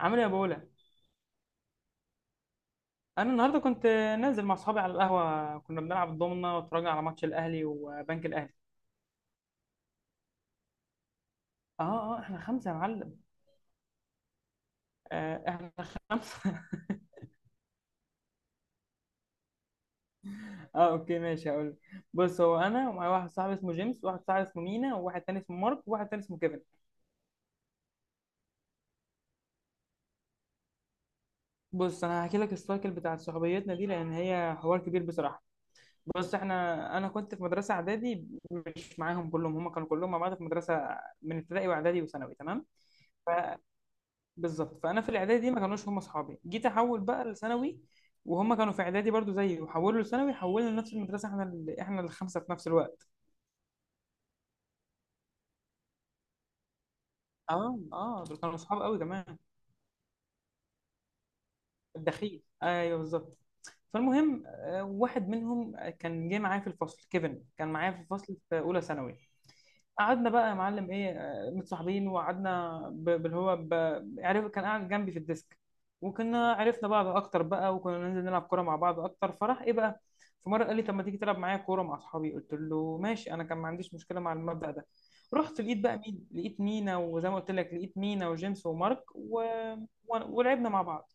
عامل ايه يا بولا؟ انا النهارده كنت نازل مع اصحابي على القهوه، كنا بنلعب الضمنه واتفرجنا على ماتش الاهلي وبنك الاهلي. اه اه، احنا خمسه يا معلم. احنا خمسه. اه اوكي ماشي هقول. بص، هو انا ومعايا واحد صاحبي اسمه جيمس، وواحد صاحبي اسمه مينا، وواحد تاني اسمه مارك، وواحد تاني اسمه كيفن. بص انا هحكي لك السايكل بتاع صحوبيتنا دي، لان هي حوار كبير بصراحه. بص احنا، انا كنت في مدرسه اعدادي مش معاهم كلهم، هم كانوا كلهم مع بعض في مدرسه من ابتدائي واعدادي وثانوي، تمام؟ بالظبط. فانا في الاعدادي ما كانوش هم اصحابي، جيت احول بقى لثانوي، وهم كانوا في اعدادي برضو زيي، وحولوا لثانوي، حولنا لنفس المدرسه احنا ال... احنا الخمسه في نفس الوقت. اه اه، دول كانوا اصحاب قوي كمان. الدخيل، ايوه بالظبط. فالمهم واحد منهم كان جه معايا في الفصل، كيفن كان معايا في الفصل في اولى ثانوي. قعدنا بقى يا معلم ايه متصاحبين، وقعدنا ب- باللي هو ب... عرف كان قاعد جنبي في الديسك، وكنا عرفنا بعض اكتر بقى، وكنا ننزل نلعب كوره مع بعض اكتر، فراح ايه بقى. في مره قال لي: طب ما تيجي تلعب معايا كوره مع اصحابي؟ قلت له ماشي، انا كان ما عنديش مشكله مع المبدأ ده. رحت لقيت بقى مين؟ لقيت مينا، وزي ما قلت لك لقيت مينا وجيمس ومارك و... و... ولعبنا مع بعض.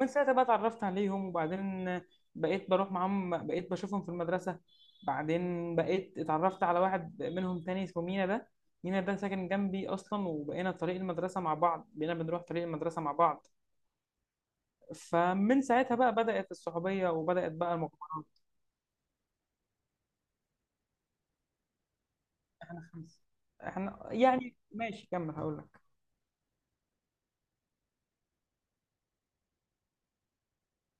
من ساعتها بقى اتعرفت عليهم وبعدين بقيت بروح معاهم، بقيت بشوفهم في المدرسة. بعدين بقيت اتعرفت على واحد منهم تاني اسمه مينا ده. مينا ده ساكن جنبي أصلا، وبقينا طريق المدرسة مع بعض، بقينا بنروح طريق المدرسة مع بعض. فمن ساعتها بقى بدأت الصحوبية وبدأت بقى الموضوع. احنا خمسة. احنا يعني ماشي، كمل هقول لك.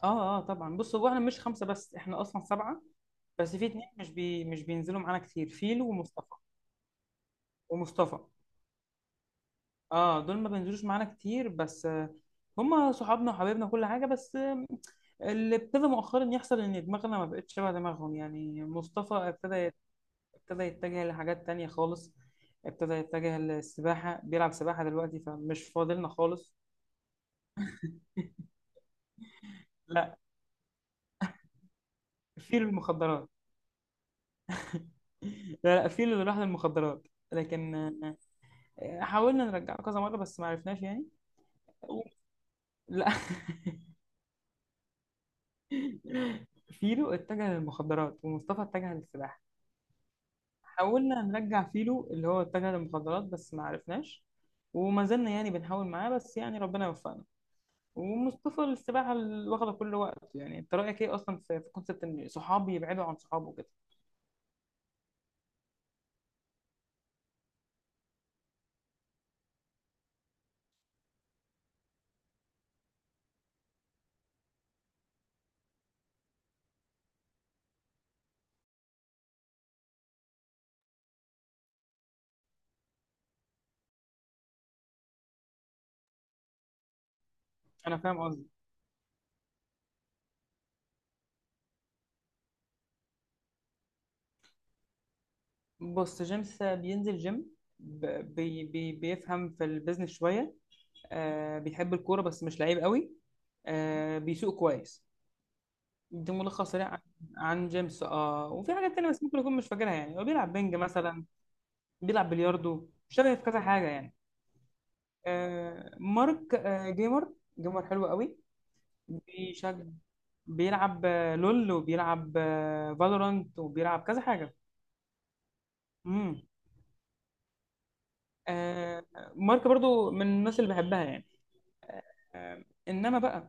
اه اه طبعا. بص هو احنا مش خمسة بس، احنا أصلا سبعة. بس في اتنين مش بينزلوا معانا كتير: فيلو ومصطفى. ومصطفى اه، دول ما بينزلوش معانا كتير بس هما صحابنا وحبايبنا وكل حاجه، بس اللي ابتدى مؤخرا يحصل ان دماغنا ما بقتش شبه دماغهم. يعني مصطفى ابتدى، يتجه لحاجات تانية خالص، ابتدى يتجه للسباحة، بيلعب سباحة دلوقتي، فمش فاضلنا خالص. لا، في للمخدرات. لا لا، في اللي راح للمخدرات، لكن حاولنا نرجعه كذا مرة بس ما عرفناش يعني. لا. فيلو اتجه للمخدرات ومصطفى اتجه للسباحة. حاولنا نرجع فيلو اللي هو اتجه للمخدرات، بس ما عرفناش، وما زلنا يعني بنحاول معاه، بس يعني ربنا وفقنا. ومصطفى السباحة اللي واخدة كل وقت. يعني انت رأيك ايه اصلا في في كونسبت ان صحابي يبعدوا عن صحابه كده؟ انا فاهم قصدي. بص جيمس بينزل جيم، بي بيفهم في البيزنس شوية. آه بيحب الكورة بس مش لعيب قوي. آه بيسوق كويس. ده ملخص سريع عن، عن جيمس. اه وفي حاجات تانية بس ممكن يكون مش فاكرها، يعني هو بيلعب بنج مثلا، بيلعب بلياردو، شغال في كذا حاجه يعني. مارك جيمر، جيمر حلو قوي. بيشجع، بيلعب لول، وبيلعب فالورانت، وبيلعب كذا حاجه. امم. آه، مارك برضو من الناس اللي بحبها يعني. انما بقى،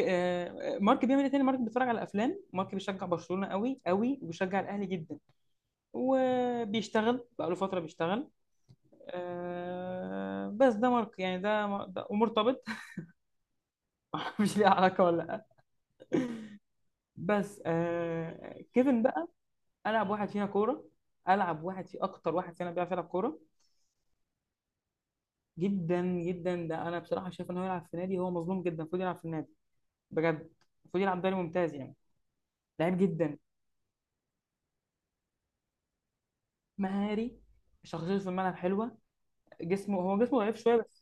مارك بيعمل ايه تاني؟ مارك بيتفرج على افلام، مارك بيشجع برشلونه قوي قوي، وبيشجع الاهلي جدا، وبيشتغل بقى له فتره بيشتغل. بس ده مارك يعني، ده ومرتبط. مش ليه علاقه ولا. بس آه، كيفن بقى. العب واحد فيها كوره، العب واحد، في اكتر واحد فينا بيعرف يلعب كوره. جدا جدا، ده انا بصراحه شايف ان هو يلعب في نادي، هو مظلوم جدا، المفروض يلعب في النادي. بجد، المفروض يلعب دوري ممتاز يعني، لعيب جدا. مهاري، شخصيته في الملعب حلوه، جسمه، هو جسمه ضعيف شويه بس.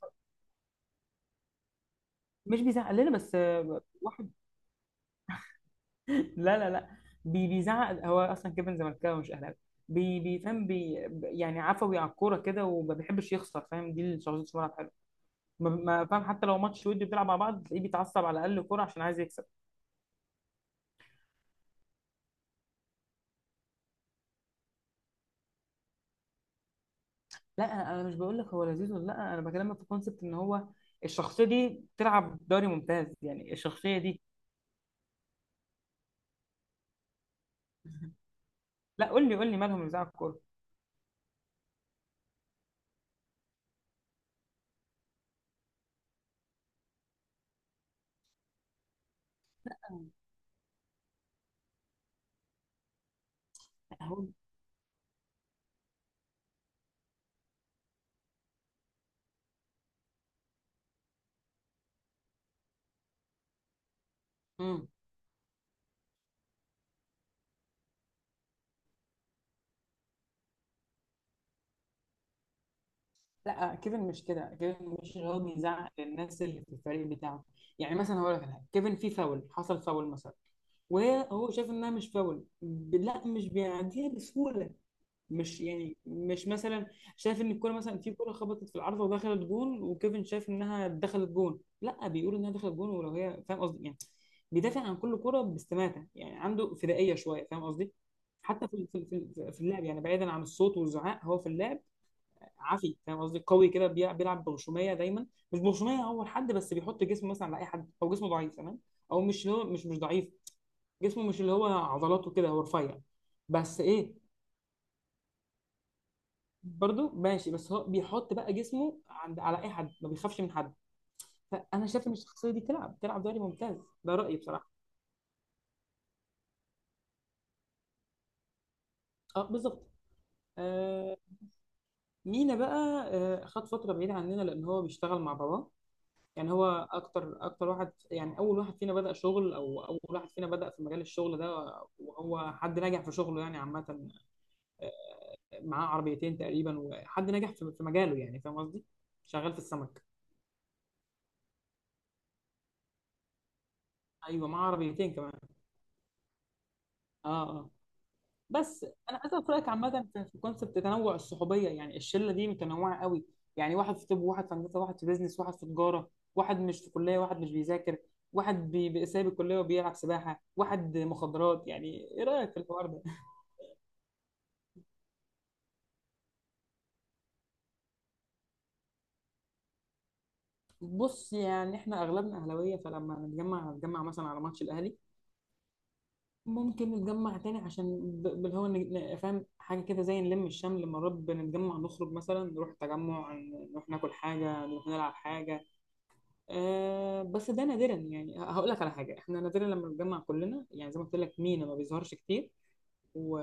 مش بيزعق لنا، بس واحد... لا لا لا، بيزعق. هو اصلا كيفن زملكاوي مش اهلاوي. بيفهم يعني عفوي على الكوره كده، وما بيحبش يخسر، فاهم؟ دي اللي شخصيته في الملعب. فاهم، حتى لو ماتش ودي بتلعب مع بعض، تلاقيه بيتعصب على اقل كوره عشان عايز يكسب. لا انا، مش بقول لك هو لذيذ ولا لا، انا بكلمك في كونسبت ان هو الشخصيه دي تلعب دوري ممتاز يعني، الشخصيه دي. لا قول لي، مالهم يزعق الكوره؟ هو امم، لا كيفن مش كده، كيفن مش اللي هو بيزعق للناس اللي في الفريق بتاعه. يعني مثلا هقول لك على حاجه: كيفن في فاول حصل، فاول مثلا، وهو شايف انها مش فاول، ب- لا مش بيعديها بسهوله. مش يعني، مش مثلا شايف ان الكوره، مثلا في كوره خبطت في العارضه ودخلت جون، وكيفن شايف انها دخلت جون، لا بيقول انها دخلت جون، ولو هي فاهم قصدي يعني. بيدافع عن كل كوره باستماتة، يعني عنده فدائيه شويه، فاهم قصدي؟ حتى في في اللعب يعني، بعيدا عن الصوت والزعاق، هو في اللعب عافي، فاهم قصدي؟ قوي كده، بيلعب بغشوميه دايما، مش بغشوميه اول حد، بس بيحط جسمه مثلا على اي حد، او جسمه ضعيف تمام، او مش اللي هو، مش ضعيف، جسمه مش اللي هو، عضلاته كده هو رفيع. بس ايه، برضو ماشي، بس هو بيحط بقى جسمه عند على اي حد، ما بيخافش من حد. فانا شايف ان الشخصيه دي تلعب دوري ممتاز. ده رايي بصراحه. اه بالظبط. آه، مينا بقى. آه خد فتره بعيده عننا لان هو بيشتغل مع باباه. يعني هو اكتر اكتر واحد يعني اول واحد فينا بدا شغل، او اول واحد فينا بدا في مجال الشغل ده، وهو حد ناجح في شغله يعني عامه. آه، معاه عربيتين تقريبا، وحد ناجح في في مجاله، يعني فاهم قصدي، شغال في السمك. ايوه معاه عربيتين كمان. اه اه. بس انا عايز اخد رايك عامه في في كونسبت تنوع الصحوبيه، يعني الشله دي متنوعه قوي: يعني واحد في طب، وواحد في هندسه، واحد في بيزنس، واحد في تجاره، واحد مش في كليه، واحد مش بيذاكر، واحد بي- بي- سايب الكليه وبيلعب سباحه، واحد مخدرات، يعني ايه رايك في الحوار ده؟ بص يعني احنا اغلبنا اهلاويه، فلما نتجمع نتجمع مثلا على ماتش الاهلي. ممكن نتجمع تاني عشان، ب- اللي هو، نج- ن- فاهم حاجه كده زي نلم الشمل. مرات بنتجمع نخرج مثلا، نروح تجمع، نروح ناكل حاجه، نروح نلعب حاجه. آه بس ده نادرا، يعني هقول لك على حاجه: احنا نادرا لما بنتجمع كلنا، يعني زي ما قلت لك مينا ما بيظهرش كتير. و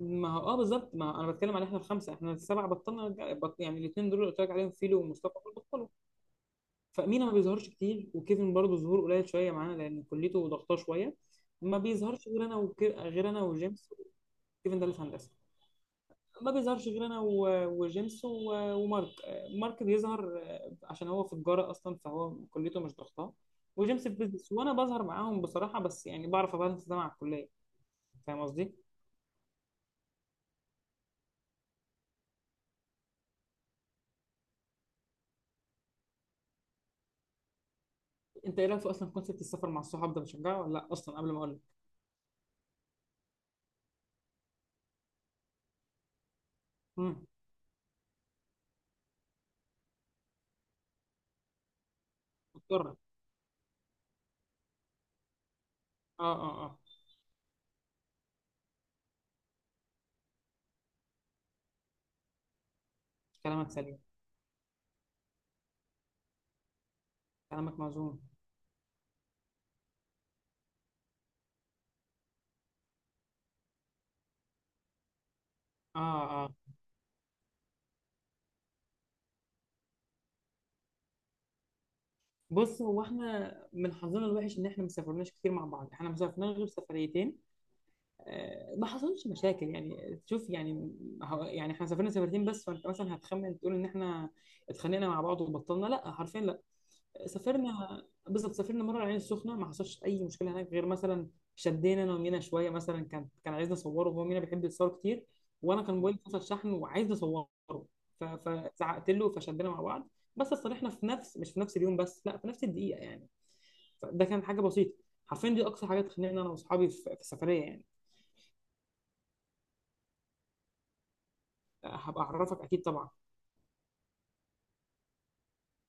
ما هو اه بالظبط. ما هو انا بتكلم على احنا الخمسه، احنا السبعه بطلنا نرجع- بط... يعني الاثنين دول اللي قلت لك عليهم فيلو ومصطفى دول بطلوا. فمينا ما بيظهرش كتير، وكيفن برضه ظهور قليل شويه معانا لان كليته ضغطاه شويه. ما بيظهرش غير انا وك... غير انا وجيمس. وكيفن ده اللي في هندسه. ما بيظهرش غير انا و- وجيمس و- ومارك. مارك بيظهر عشان هو في تجاره اصلا، فهو كليته مش ضغطاه. وجيمس في بيزنس. وانا بظهر معاهم بصراحه، بس يعني بعرف ابالانس ده مع الكليه، فاهم قصدي؟ انت ايه رايك في اصلا كونسيبت السفر مع الصحاب ده، بتشجعه ولا لا اصلا؟ قبل ما اقول لك. امم. مضطر. اه اه اه. كلامك سليم. كلامك موزون. اه اه. بص هو احنا من حظنا الوحش ان احنا ما سافرناش كتير مع بعض، احنا ما سافرناش غير سفريتين. ما حصلش مشاكل يعني، شوف يعني، يعني احنا سافرنا سفرتين بس، فانت مثلا هتخمن تقول ان احنا اتخانقنا مع بعض وبطلنا، لا حرفيا لا، سافرنا. بالظبط، سافرنا مره العين السخنه، ما حصلش اي مشكله هناك غير مثلا شدينا انا ومينا شويه مثلا، كان عايزنا نصوره، وهو مينا بيحب يتصور كتير، وانا كان موبايلي فصل شحن، وعايز نصوره، فزعقت له فشدينا مع بعض، بس اتصالحنا في نفس، مش في نفس اليوم بس، لا في نفس الدقيقه يعني. ده كان حاجه بسيطه، حرفيا دي اقصى حاجه تخليني انا واصحابي في في السفريه يعني. هبقى اعرفك اكيد طبعا.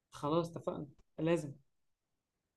خلاص اتفقنا. لازم.